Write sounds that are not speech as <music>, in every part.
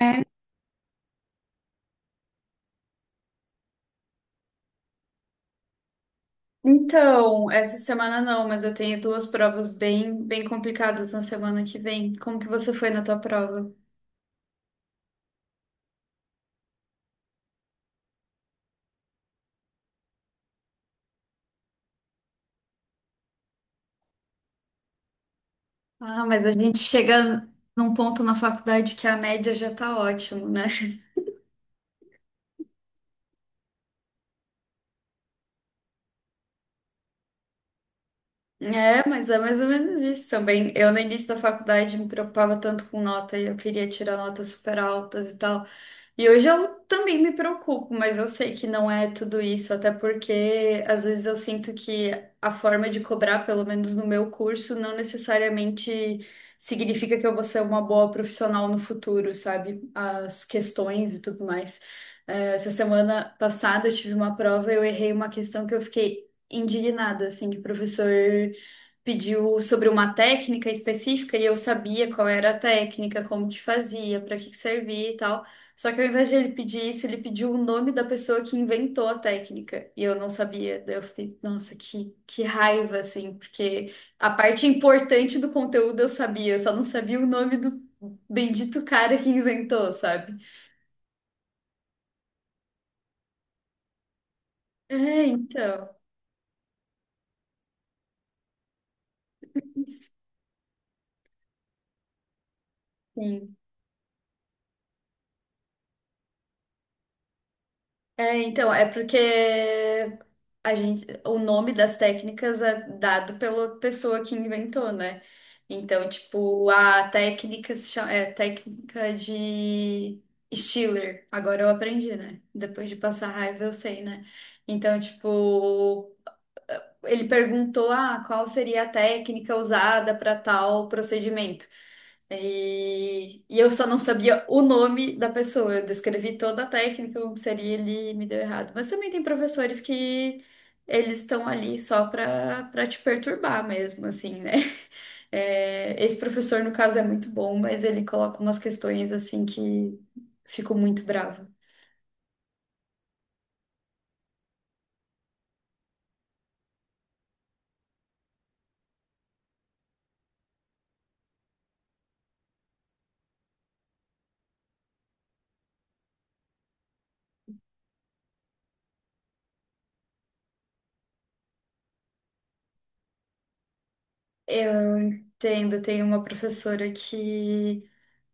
É, então, essa semana não, mas eu tenho duas provas bem complicadas na semana que vem. Como que você foi na tua prova? Ah, mas a gente chega num ponto na faculdade que a média já tá ótimo, né? É, mas é mais ou menos isso também. Eu, no início da faculdade, me preocupava tanto com nota e eu queria tirar notas super altas e tal. E hoje eu também me preocupo, mas eu sei que não é tudo isso, até porque às vezes eu sinto que a forma de cobrar, pelo menos no meu curso, não necessariamente significa que eu vou ser uma boa profissional no futuro, sabe? As questões e tudo mais. Essa semana passada eu tive uma prova e eu errei uma questão que eu fiquei indignada, assim, que o professor pediu sobre uma técnica específica e eu sabia qual era a técnica, como que fazia, para que que servia e tal. Só que ao invés de ele pedir isso, ele pediu o nome da pessoa que inventou a técnica. E eu não sabia. Daí eu fiquei, nossa, que raiva, assim, porque a parte importante do conteúdo eu sabia, eu só não sabia o nome do bendito cara que inventou, sabe? É, então. Sim. É, então, é porque a gente, o nome das técnicas é dado pela pessoa que inventou, né? Então, tipo, a técnica se chama, é técnica de Stiller. Agora eu aprendi, né? Depois de passar raiva, eu sei, né? Então, tipo, ele perguntou, ah, qual seria a técnica usada para tal procedimento. E eu só não sabia o nome da pessoa. Eu descrevi toda a técnica como seria, ele me deu errado. Mas também tem professores que eles estão ali só para te perturbar mesmo, assim, né? <laughs> É, esse professor, no caso, é muito bom, mas ele coloca umas questões assim que fico muito brava. Eu entendo, tem uma professora que,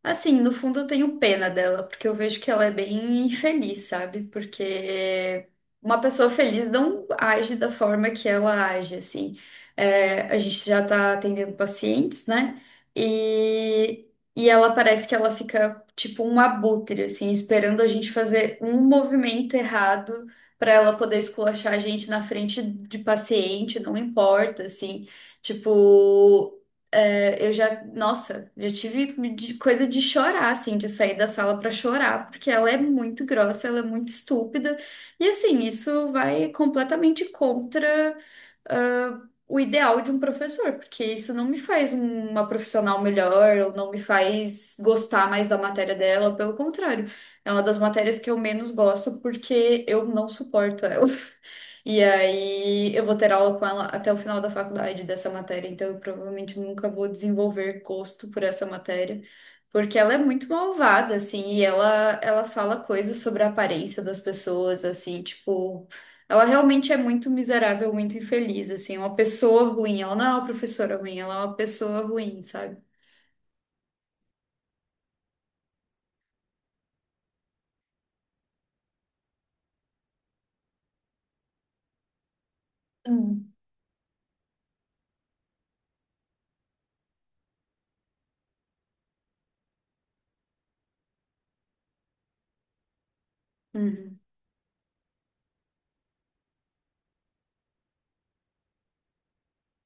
assim, no fundo eu tenho pena dela, porque eu vejo que ela é bem infeliz, sabe? Porque uma pessoa feliz não age da forma que ela age, assim. É, a gente já tá atendendo pacientes, né? E, e ela parece que ela fica tipo um abutre, assim, esperando a gente fazer um movimento errado para ela poder esculachar a gente na frente de paciente, não importa, assim. Tipo. É, eu já, nossa, coisa de chorar, assim, de sair da sala pra chorar, porque ela é muito grossa, ela é muito estúpida, e assim, isso vai completamente contra ah, o ideal de um professor, porque isso não me faz uma profissional melhor, ou não me faz gostar mais da matéria dela, pelo contrário, é uma das matérias que eu menos gosto porque eu não suporto ela. <laughs> E aí eu vou ter aula com ela até o final da faculdade dessa matéria, então eu provavelmente nunca vou desenvolver gosto por essa matéria. Porque ela é muito malvada, assim, e ela fala coisas sobre a aparência das pessoas, assim, tipo, ela realmente é muito miserável, muito infeliz, assim, é uma pessoa ruim. Ela não é uma professora ruim, ela é uma pessoa ruim, sabe? Hum. Uhum.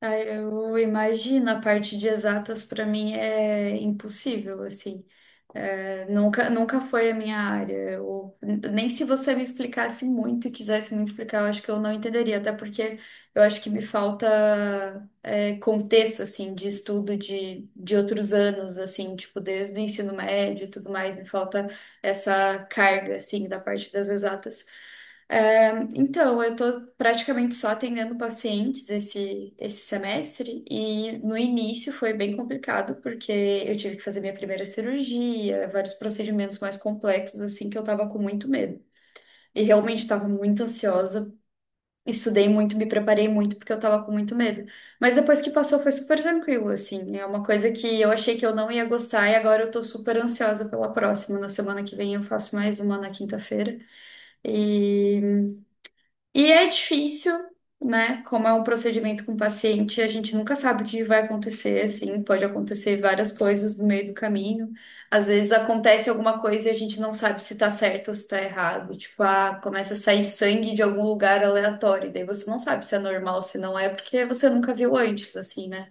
Aí eu imagino, a parte de exatas pra mim é impossível, assim. É, nunca foi a minha área. Nem se você me explicasse muito e quisesse muito explicar, eu acho que eu não entenderia, até porque eu acho que me falta contexto, assim, de estudo de outros anos, assim, tipo, desde o ensino médio e tudo mais, me falta essa carga, assim, da parte das exatas. É, então, eu estou praticamente só atendendo pacientes esse semestre e no início foi bem complicado porque eu tive que fazer minha primeira cirurgia, vários procedimentos mais complexos assim que eu estava com muito medo. E realmente estava muito ansiosa, estudei muito, me preparei muito porque eu estava com muito medo. Mas depois que passou foi super tranquilo assim. É uma coisa que eu achei que eu não ia gostar e agora eu estou super ansiosa pela próxima. Na semana que vem eu faço mais uma na quinta-feira. E e é difícil, né? Como é um procedimento com paciente, a gente nunca sabe o que vai acontecer, assim, pode acontecer várias coisas no meio do caminho. Às vezes acontece alguma coisa e a gente não sabe se tá certo ou se tá errado. Tipo, ah, começa a sair sangue de algum lugar aleatório, e daí você não sabe se é normal, se não é, porque você nunca viu antes, assim, né?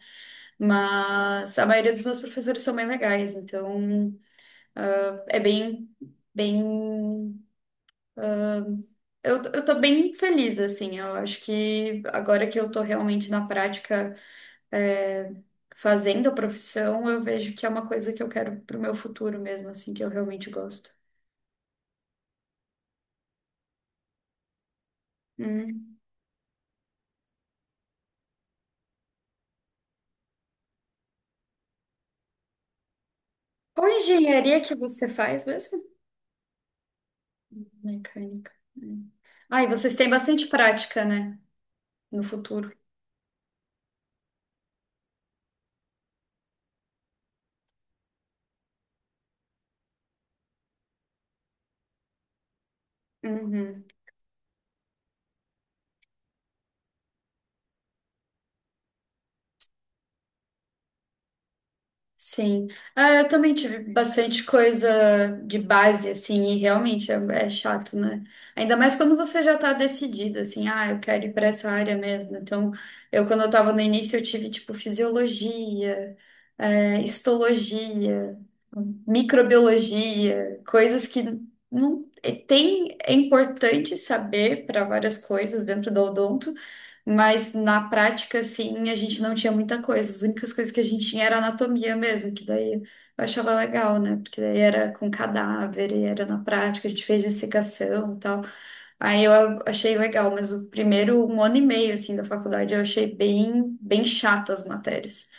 Mas a maioria dos meus professores são bem legais, então ah, é bem, bem. Eu tô bem feliz, assim. Eu acho que agora que eu tô realmente na prática, é, fazendo a profissão, eu vejo que é uma coisa que eu quero pro meu futuro mesmo, assim, que eu realmente gosto. Hum. Qual engenharia que você faz mesmo? Mecânica. Hum. Ah, e vocês têm bastante prática, né? No futuro. Uhum. Sim. Ah, eu também tive bastante coisa de base, assim, e realmente é, é chato, né? Ainda mais quando você já tá decidido, assim, ah, eu quero ir para essa área mesmo. Então, eu, quando eu tava no início, eu tive, tipo, fisiologia, histologia, microbiologia, coisas que não. E tem, é importante saber para várias coisas dentro do odonto, mas na prática, assim, a gente não tinha muita coisa. As únicas coisas que a gente tinha era anatomia mesmo, que daí eu achava legal, né? Porque daí era com cadáver e era na prática, a gente fez dissecação e tal. Aí eu achei legal, mas o primeiro 1 ano e meio, assim, da faculdade eu achei bem chato as matérias.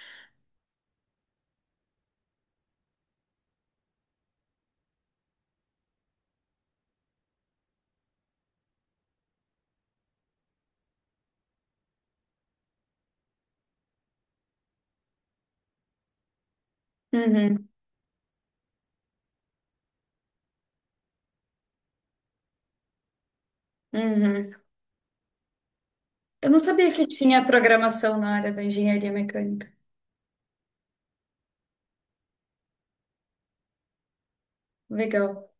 Uhum, uhum. Eu não sabia que tinha programação na área da engenharia mecânica. Legal.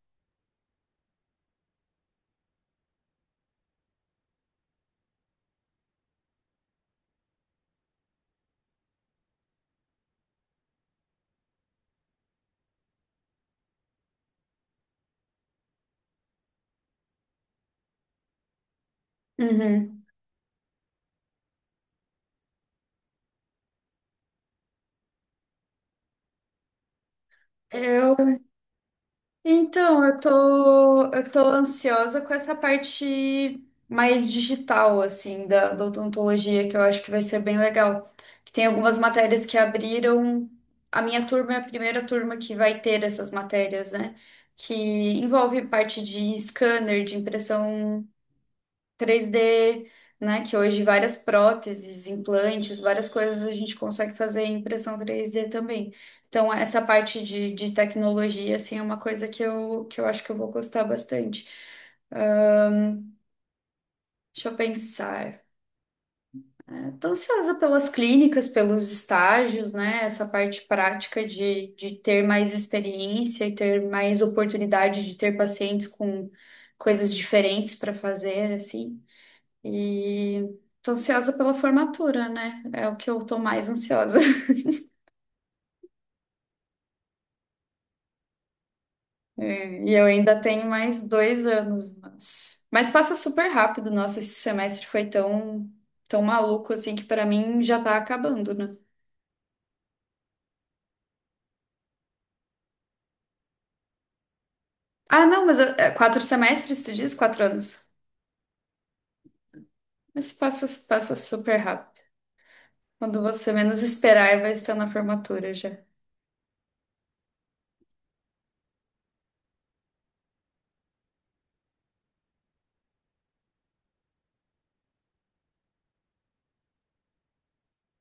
Uhum. Eu Então, eu tô ansiosa com essa parte mais digital, assim, da odontologia, que eu acho que vai ser bem legal. Que tem algumas matérias que abriram. A minha turma é a primeira turma que vai ter essas matérias, né? Que envolve parte de scanner, de impressão 3D, né? Que hoje várias próteses, implantes, várias coisas a gente consegue fazer em impressão 3D também. Então, essa parte de tecnologia, assim, é uma coisa que eu acho que eu vou gostar bastante. Ah, deixa eu pensar. Estou ansiosa pelas clínicas, pelos estágios, né? Essa parte prática de ter mais experiência e ter mais oportunidade de ter pacientes com coisas diferentes para fazer, assim. E tô ansiosa pela formatura, né? É o que eu tô mais ansiosa. <laughs> É, e eu ainda tenho mais 2 anos, mas mas passa super rápido. Nossa, esse semestre foi tão, tão maluco assim que pra mim já tá acabando, né? Ah, não, é, 4 semestres, tu diz? 4 anos. Mas passa, passa super rápido. Quando você menos esperar, vai estar na formatura já.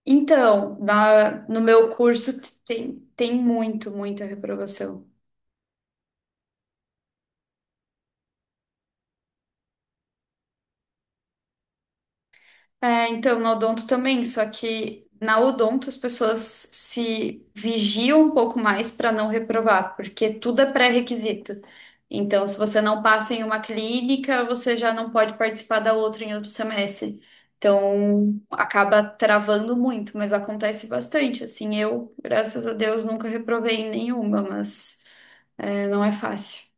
Então, no meu curso tem, tem muito, muita reprovação. É, então, na odonto também, só que na odonto as pessoas se vigiam um pouco mais para não reprovar, porque tudo é pré-requisito. Então, se você não passa em uma clínica, você já não pode participar da outra em outro semestre. Então, acaba travando muito, mas acontece bastante. Assim, eu, graças a Deus, nunca reprovei em nenhuma, mas. Não é fácil.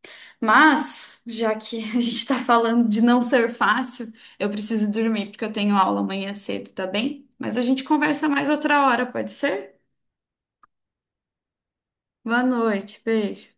Mas, já que <laughs> a gente está falando de não ser fácil, eu preciso dormir porque eu tenho aula amanhã cedo, tá bem? Mas a gente conversa mais outra hora, pode ser? Boa noite, beijo.